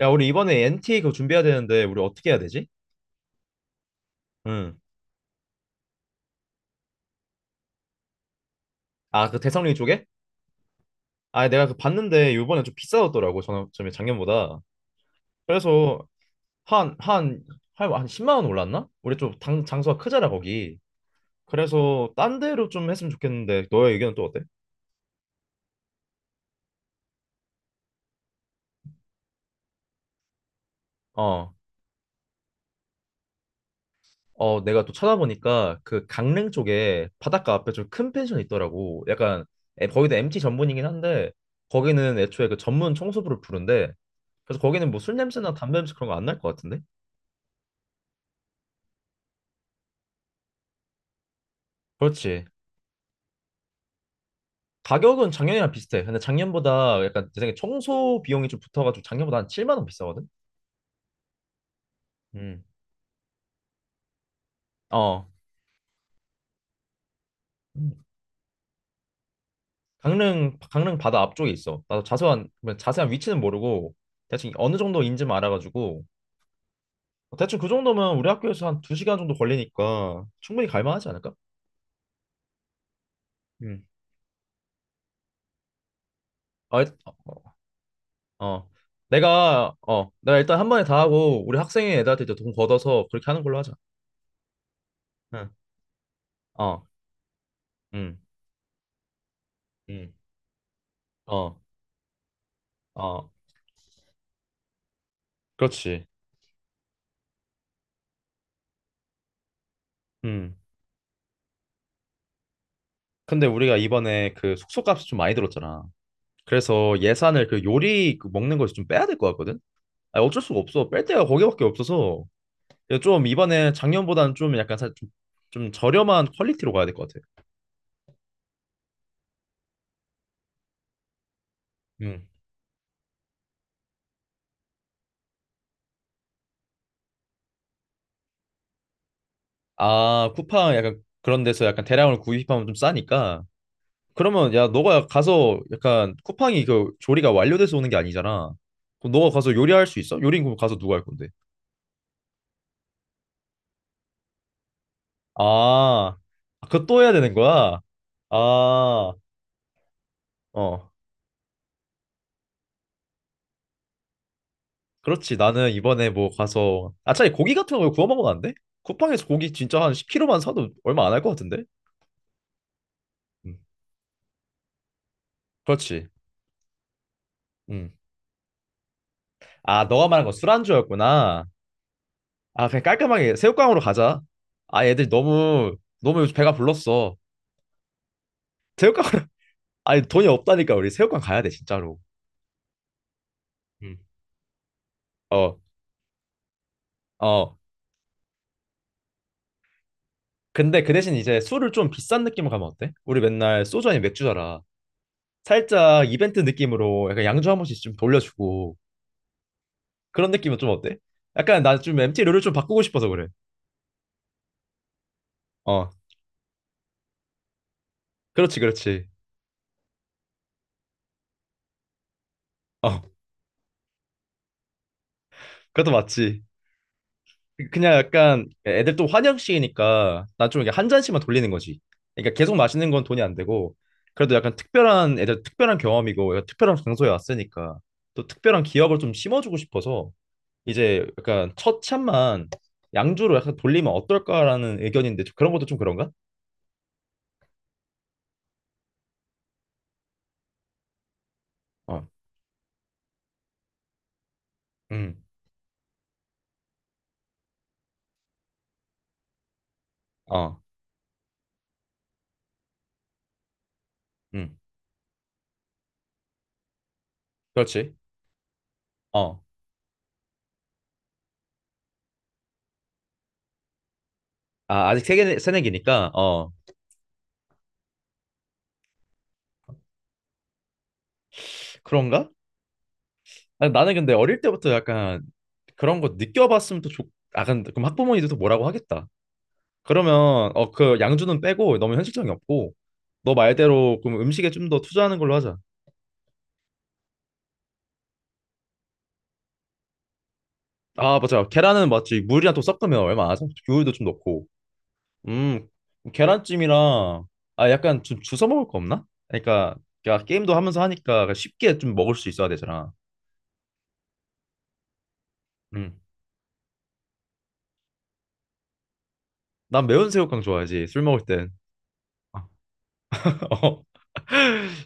야, 우리 이번에 NT 그거 준비해야 되는데 우리 어떻게 해야 되지? 응. 아, 그 대성리 쪽에? 아, 내가 그 봤는데 이번에 좀 비싸졌더라고. 전에 작년보다. 그래서 한, 한, 한 10만 원 올랐나? 우리 좀 장소가 크잖아, 거기. 그래서 딴 데로 좀 했으면 좋겠는데 너의 의견은 또 어때? 어. 내가 또 찾아보니까 그 강릉 쪽에 바닷가 앞에 좀 큰 펜션이 있더라고. 약간 거기도 MT 전문이긴 한데 거기는 애초에 그 전문 청소부를 부른데. 그래서 거기는 뭐 술 냄새나 담배 냄새 그런 거 안 날 것 같은데? 그렇지. 가격은 작년이랑 비슷해. 근데 작년보다 약간 내 생각에 청소 비용이 좀 붙어가지고 작년보다 한 7만 원 비싸거든. 음. 어. 음. 강릉 바다 앞쪽에 있어. 나도 자세한 위치는 모르고 대충 어느 정도 인지만 알아가지고. 대충 그 정도면 우리 학교에서 한 2시간 정도 걸리니까 충분히 갈만하지 않을까? 음. 어, 일- 어, 어. 내가 일단 한 번에 다 하고 우리 학생회 애들한테 이제 돈 걷어서 그렇게 하는 걸로 하자. 응. 어. 음. 음. 어. 어. 그렇지. 음. 근데 우리가 이번에 그 숙소값이 좀 많이 들었잖아. 그래서 예산을 그 요리 그 먹는 거에서 좀 빼야 될 것 같거든. 아, 어쩔 수가 없어. 뺄 데가 거기밖에 없어서 좀 이번에 작년보다는 좀 약간 좀, 좀 저렴한 퀄리티로 가야 될 것 같아. 음. 아, 쿠팡 약간 그런 데서 약간 대량으로 구입하면 좀 싸니까. 그러면 야, 너가 가서 약간 쿠팡이 그 조리가 완료돼서 오는 게 아니잖아. 그럼 너가 가서 요리할 수 있어? 요리는 그럼 가서 누가 할 건데? 아, 아, 그거 또 해야 되는 거야? 아, 어. 그렇지. 나는 이번에 뭐 가서, 아, 차라리 고기 같은 거 구워 먹으면 안 돼? 쿠팡에서 고기 진짜 한 10kg만 사도 얼마 안 할 것 같은데? 음. 그렇지. 음. 아, 너가 말한 거 술안주였구나. 아, 그냥 깔끔하게 새우깡으로 가자. 아, 애들 너무 너무 요즘 배가 불렀어. 새우깡. 아니 돈이 없다니까. 우리 새우깡 가야 돼, 진짜로. 음. 어. 어. 근데 그 대신 이제 술을 좀 비싼 느낌으로 가면 어때? 우리 맨날 소주, 아니 맥주잖아. 살짝 이벤트 느낌으로 약간 양주 한 번씩 좀 돌려주고, 그런 느낌은 좀 어때? 약간 나 좀 MT 룰을 좀 바꾸고 싶어서 그래. 어, 그렇지, 그렇지. 어, 그것도 맞지. 그냥 약간 애들 또 환영식이니까 난 좀 이게 한 잔씩만 돌리는 거지. 그러니까 계속 마시는 건 돈이 안 되고, 그래도 약간 특별한 애들, 특별한 경험이고 약간 특별한 장소에 왔으니까 또 특별한 기억을 좀 심어주고 싶어서 이제 약간 첫 잔만 양주로 약간 돌리면 어떨까라는 의견인데, 좀 그런 것도 좀 그런가? 어, 음, 어, 음, 그렇지. 어. 아, 아직 세계 새내기니까 그런가? 아니, 나는 근데 어릴 때부터 약간 그런 거 느껴봤으면 아, 근데 그럼 학부모님들도 뭐라고 하겠다. 그러면 어, 그 양주는 빼고, 너무 현실적이 없고. 너 말대로 그럼 음식에 좀 더 투자하는 걸로 하자. 아, 맞아. 계란은 맞지. 물이랑 또 섞으면 얼마 안 하죠. 우유도 좀 넣고. 음, 계란찜이랑, 아, 약간 좀 주워 먹을 거 없나? 그러니까, 그러니까 게임도 하면서 하니까 쉽게 좀 먹을 수 있어야 되잖아. 음. 난 매운 새우깡 좋아하지. 술 먹을 땐. 어,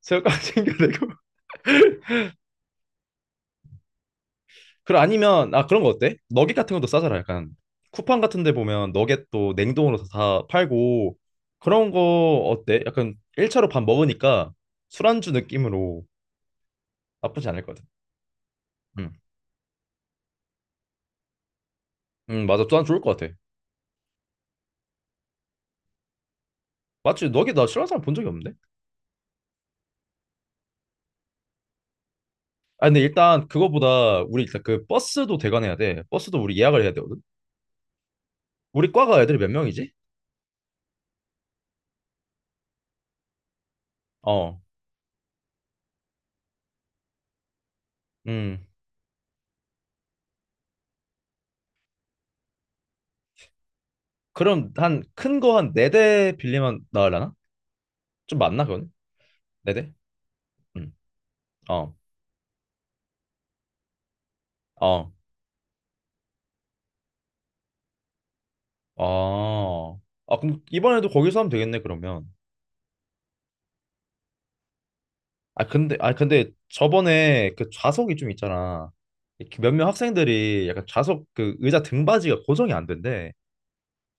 새우깡 챙겨내고. 그럼 아니면, 아, 그런 거 어때? 너겟 같은 것도 싸잖아. 약간 쿠팡 같은 데 보면 너겟도 냉동으로 다 팔고. 그런 거 어때? 약간 1차로 밥 먹으니까 술안주 느낌으로 나쁘지 않을 것 같아. 응. 응, 맞아. 또한 좋을 것 같아. 맞지? 너겟 나 싫어하는 사람 본 적이 없는데? 아, 근데 일단 그거보다 우리 일단 그 버스도 대관해야 돼. 버스도 우리 예약을 해야 되거든. 우리 과가 애들이 몇 명이지? 어. 음. 그럼 한 큰 거 한 4대 빌리면 나으려나? 좀 많나 그건? 4대? 음. 어. 어. 아, 아, 그럼 이번에도 거기서 하면 되겠네, 그러면. 아, 근데, 저번에 그 좌석이 좀 있잖아. 이렇게 몇몇 학생들이 약간 좌석 그 의자 등받이가 고정이 안 된대.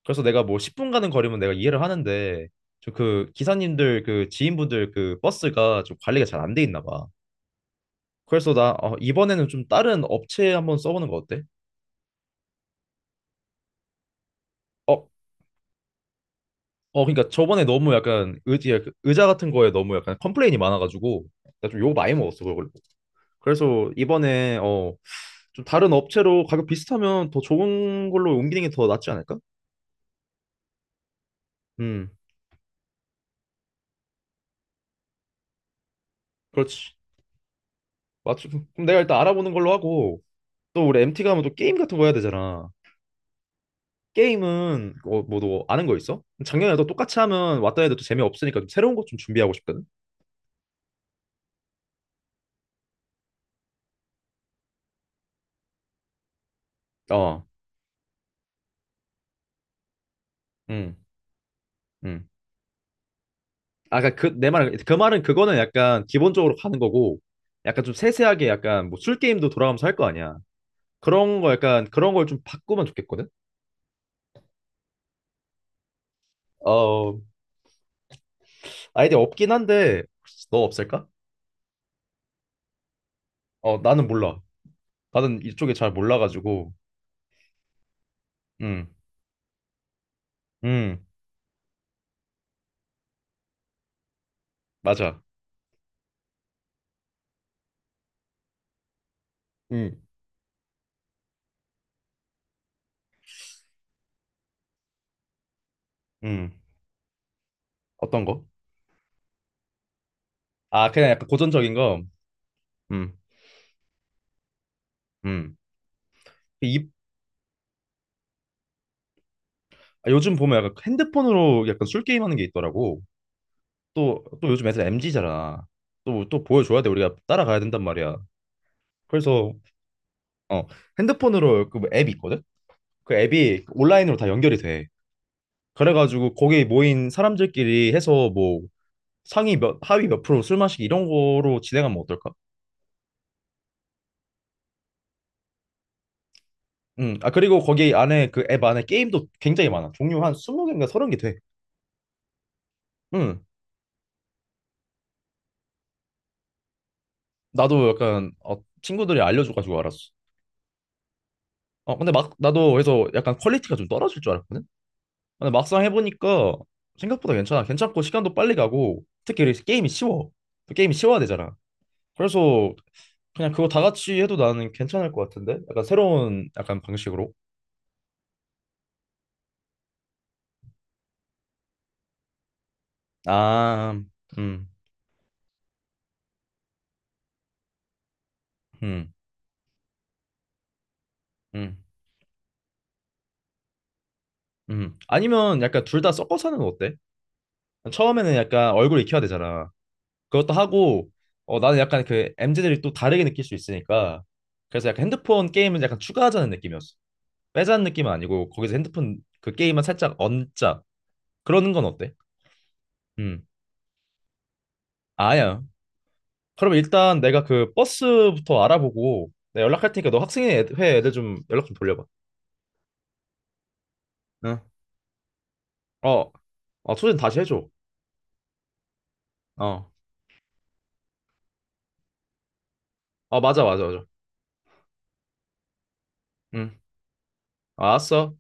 그래서 내가 뭐 10분 가는 거리면 내가 이해를 하는데, 좀 그 기사님들, 그 지인분들, 그 버스가 좀 관리가 잘 안 돼 있나 봐. 그래서 나 어, 이번에는 좀 다른 업체 한번 써보는 거 어때? 어, 어, 그러니까 저번에 너무 약간 의지 약간 의자 같은 거에 너무 약간 컴플레인이 많아가지고 나 좀 욕 많이 먹었어, 그걸. 그래서 이번에 어, 좀 다른 업체로 가격 비슷하면 더 좋은 걸로 옮기는 게 더 낫지 않을까? 음. 그렇지. 맞지? 그럼 내가 일단 알아보는 걸로 하고, 또 우리 MT 가면 또 게임 같은 거 해야 되잖아. 게임은 어뭐너 아는 거 있어? 작년에도 똑같이 하면 왔다 해도 또 재미없으니까 좀 새로운 것 좀 준비하고 싶거든. 어음음 아까 그, 내 말은 그 말은, 그거는 약간 기본적으로 가는 거고, 약간 좀 세세하게 약간 뭐 술 게임도 돌아가면서 할 거 아니야. 그런 거 약간 그런 걸 좀 바꾸면 좋겠거든. 어, 아이디어 없긴 한데 너 없을까? 어, 나는 몰라. 나는 이쪽에 잘 몰라가지고. 음. 음. 맞아. 음. 음. 어떤 거? 아, 그냥 약간 고전적인 거. 음. 음. 그 이 아, 요즘 보면 약간 핸드폰으로 약간 술 게임 하는 게 있더라고. 또 요즘 애들 MZ잖아. 또 보여줘야 돼, 우리가 따라가야 된단 말이야. 그래서 어, 핸드폰으로 그앱 있거든? 그 앱이 온라인으로 다 연결이 돼. 그래가지고 거기 모인 사람들끼리 해서 뭐 상위 몇, 하위 몇 프로 술 마시기 이런 거로 진행하면 어떨까? 아, 그리고 거기 안에 그 앱 안에 게임도 굉장히 많아. 종류 한 20개인가 30개 돼. 음, 나도 약간 어, 친구들이 알려줘가지고 알았어. 어, 근데 막, 나도 그래서 약간 퀄리티가 좀 떨어질 줄 알았거든? 근데 막상 해보니까 생각보다 괜찮아. 괜찮고 시간도 빨리 가고 특히 게임이 쉬워. 또 게임이 쉬워야 되잖아. 그래서 그냥 그거 다 같이 해도 나는 괜찮을 것 같은데? 약간 새로운 약간 방식으로. 아. 음. 음. 음. 음. 아니면 약간 둘 다 섞어서 하는 건 어때? 처음에는 약간 얼굴 익혀야 되잖아. 그것도 하고, 어, 나는 약간 그 MZ들이 또 다르게 느낄 수 있으니까. 그래서 약간 핸드폰 게임은 약간 추가하자는 느낌이었어. 빼자는 느낌은 아니고, 거기서 핸드폰 그 게임은 살짝 얹자. 그러는 건 어때? 음. 아니야. 그럼 일단 내가 그 버스부터 알아보고, 내가 연락할 테니까 너 학생회 회 애들 좀 연락 좀 돌려봐. 응. 어. 어, 소진 다시 해줘. 어. 어, 맞아, 맞아, 맞아. 응. 아, 알았어.